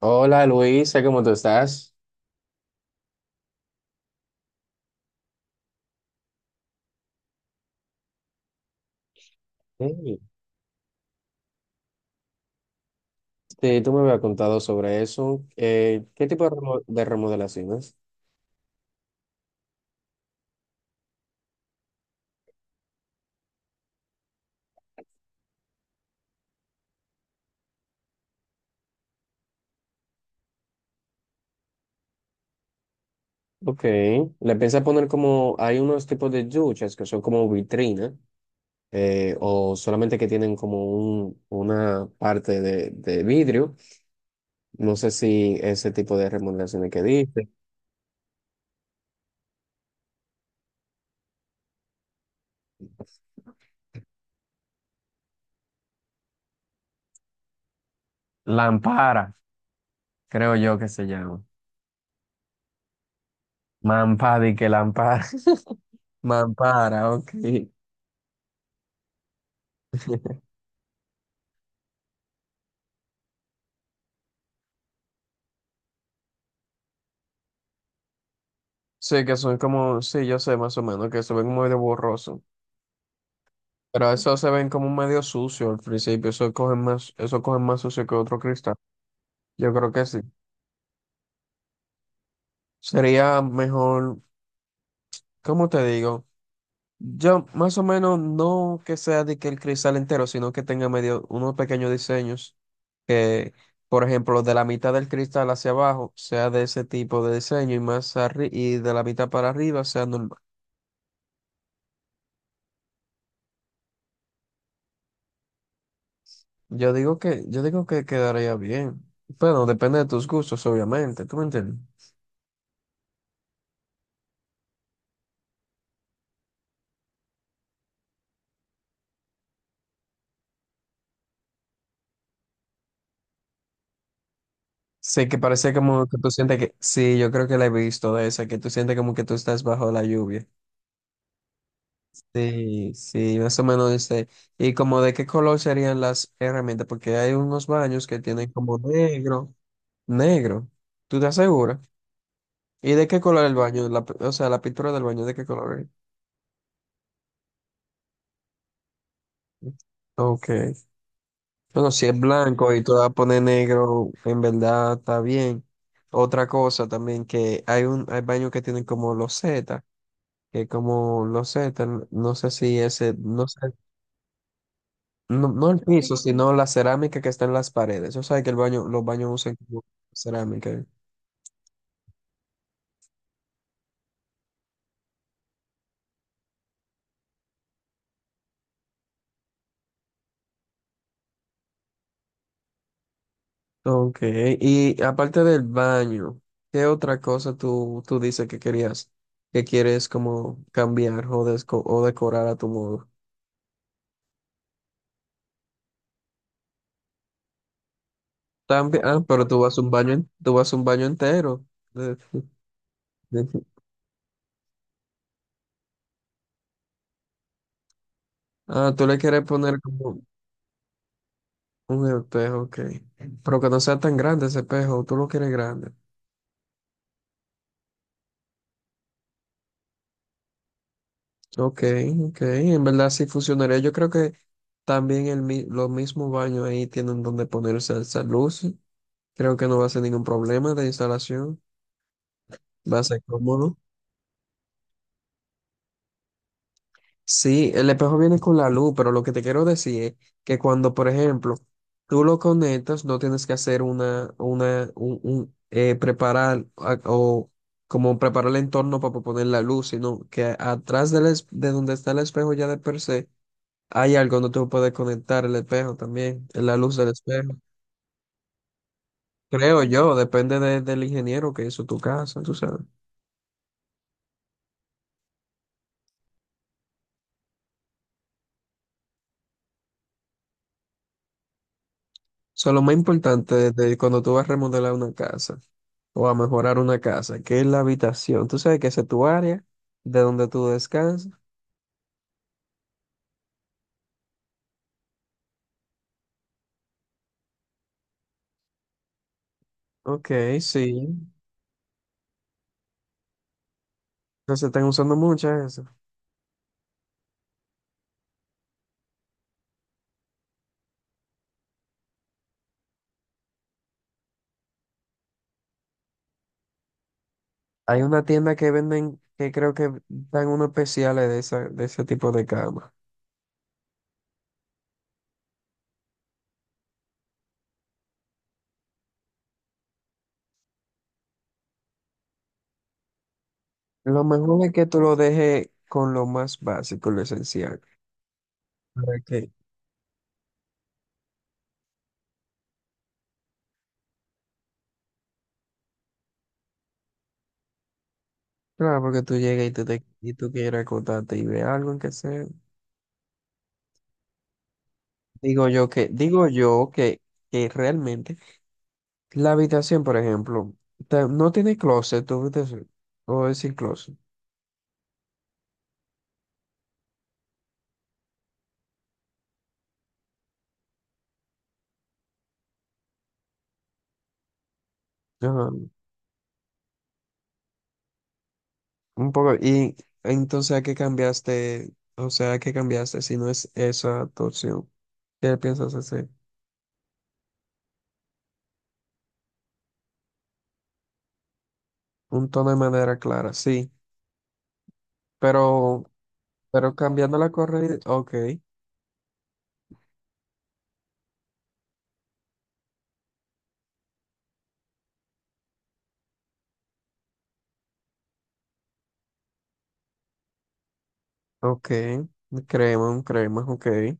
Hola Luisa, ¿cómo tú estás? Hey, sí, tú me habías contado sobre eso. ¿Qué tipo de, remodelaciones? Ok, le piensas poner como, hay unos tipos de duchas que son como vitrina o solamente que tienen como una parte de vidrio. No sé si ese tipo de remodelaciones que dice. Lampara, creo yo que se llama. Mampadi que lampara. Mampara, ok. Sí, que son como, sí, yo sé más o menos, que se ven muy de borroso. Pero eso se ven como medio sucio al principio, eso cogen más sucio que otro cristal. Yo creo que sí. Sería mejor, ¿cómo te digo? Yo más o menos no que sea de que el cristal entero, sino que tenga medio unos pequeños diseños que, por ejemplo, de la mitad del cristal hacia abajo sea de ese tipo de diseño y de la mitad para arriba sea normal. Yo digo que quedaría bien. Bueno, depende de tus gustos, obviamente, ¿tú me entiendes? Sí, que parece como que tú sientes que... Sí, yo creo que la he visto de esa, que tú sientes como que tú estás bajo la lluvia. Sí, sí, más o menos dice. ¿Y como de qué color serían las herramientas? Porque hay unos baños que tienen como negro, negro. ¿Tú te aseguras? ¿Y de qué color el baño? La, pi- o sea, la pintura del baño, ¿de qué color es? Ok. Bueno, si es blanco y tú vas a poner negro, en verdad está bien. Otra cosa también que hay baños que tienen como loseta que como, no sé, no sé si ese, no sé, no, no el piso, sino la cerámica que está en las paredes. Yo sé que los baños usan como cerámica. Ok, y aparte del baño, ¿qué otra cosa tú dices que querías, que quieres como cambiar o, decorar a tu modo? También, ah, pero tú vas a un baño, tú vas a un baño entero. De- de- Ah, tú le quieres poner como un espejo, ok. Pero que no sea tan grande ese espejo, tú lo quieres grande. Ok, ok, en verdad sí funcionaría. Yo creo que también los mismos baños ahí tienen donde ponerse esas luces. Creo que no va a ser ningún problema de instalación, va a ser cómodo. Sí, el espejo viene con la luz, pero lo que te quiero decir es que cuando, por ejemplo, tú lo conectas, no tienes que hacer una preparar a- o como preparar el entorno para poner la luz, sino que atrás de donde está el espejo ya de per se hay algo, no te puedes conectar el espejo también, es la luz del espejo. Creo yo, depende del ingeniero que hizo tu casa, tú sabes. Eso es lo más importante de, cuando tú vas a remodelar una casa o a mejorar una casa, que es la habitación. Tú sabes que esa es tu área de donde tú descansas. Ok, sí. No se están usando muchas esas. Hay una tienda que venden, que creo que dan unos especiales de, esa, de ese tipo de cama. Lo mejor es que tú lo dejes con lo más básico, lo esencial. Ok. Claro, porque tú llegas y y tú quieres acotarte y ve algo en que se... digo yo que realmente la habitación, por ejemplo, no tiene closet, tu habitación, o es sin closet. Ajá. Un poco, y entonces, ¿a qué cambiaste? O sea, ¿a qué cambiaste si no es esa tu opción? ¿Qué piensas hacer? Un tono de madera clara, sí, pero, pero cambiando la correa, ok, ok, crema, un crema, ok.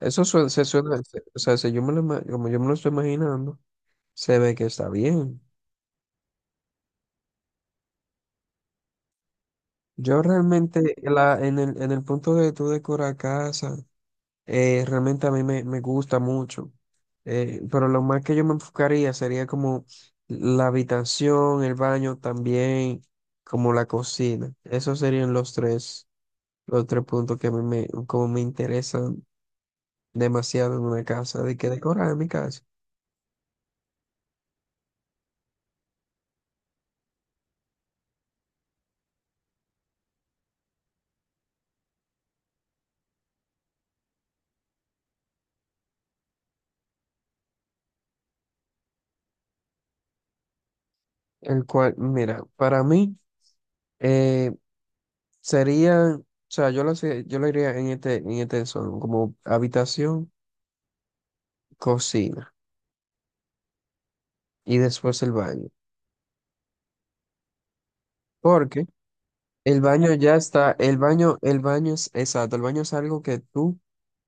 Eso suena, se- o sea, si yo me lo, como yo me lo estoy imaginando, se ve que está bien. Yo realmente, la, en el punto de tú decorar casa, realmente a mí me gusta mucho. Pero lo más que yo me enfocaría sería como la habitación, el baño también, como la cocina. Esos serían los tres puntos que a mí como me interesan demasiado en una casa, de que decorar en mi casa. El cual, mira, para mí... eh, Sería, o sea, yo lo iría en este desorden, como habitación, cocina y después el baño. Porque el baño ya está, el baño es, exacto, el baño es algo que tú,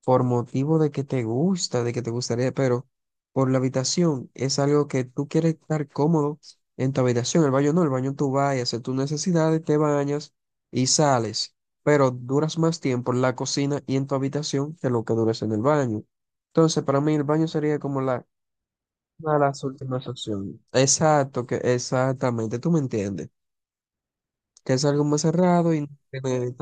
por motivo de que te gusta, de que te gustaría, pero por la habitación es algo que tú quieres estar cómodo en tu habitación. El baño no, el baño tú vas y haces tus necesidades, te bañas y sales, pero duras más tiempo en la cocina y en tu habitación que lo que duras en el baño. Entonces, para mí el baño sería como la, una de las últimas opciones. Exacto, que exactamente, tú me entiendes, que es algo más cerrado y no tiene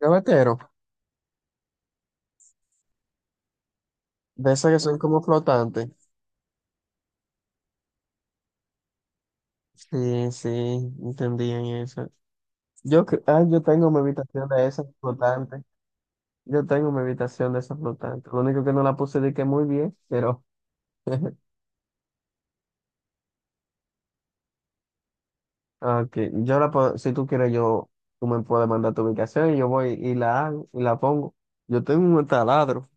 gavetero, de esas que son como flotantes. Sí, sí, entendían eso. Yo tengo mi habitación de esas flotantes. Yo tengo mi habitación de esas flotantes. Lo único que no la puse de que muy bien, pero ok. Yo la puedo, si tú quieres, tú me puedes mandar tu ubicación y yo voy y la hago y la pongo. Yo tengo un taladro.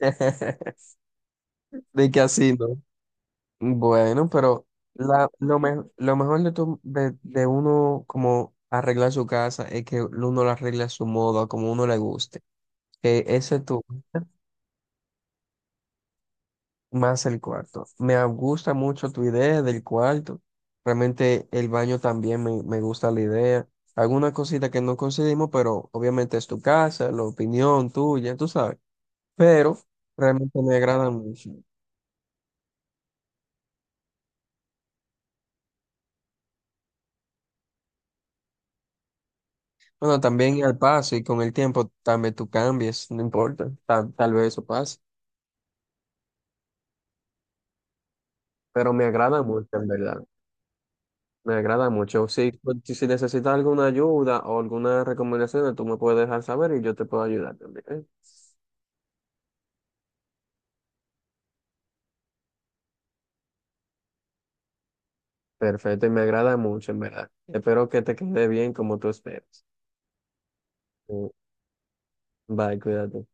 De que así, ¿no? Bueno, pero lo mejor de uno como arreglar su casa es que uno la arregla a su modo, a como uno le guste. Que ese es tu, más el cuarto. Me gusta mucho tu idea del cuarto. Realmente el baño también me gusta la idea. Alguna cosita que no coincidimos, pero obviamente es tu casa, la opinión tuya, tú sabes. Pero realmente me agrada mucho. Bueno, también al paso y con el tiempo también tú cambies, no importa, tal vez eso pase. Pero me agrada mucho, en verdad. Me agrada mucho. Si, pues, si necesitas alguna ayuda o alguna recomendación, tú me puedes dejar saber y yo te puedo ayudar también, ¿eh? Perfecto, y me agrada mucho, en verdad. Espero que te quede bien como tú esperas. Mm, bye, cuídate.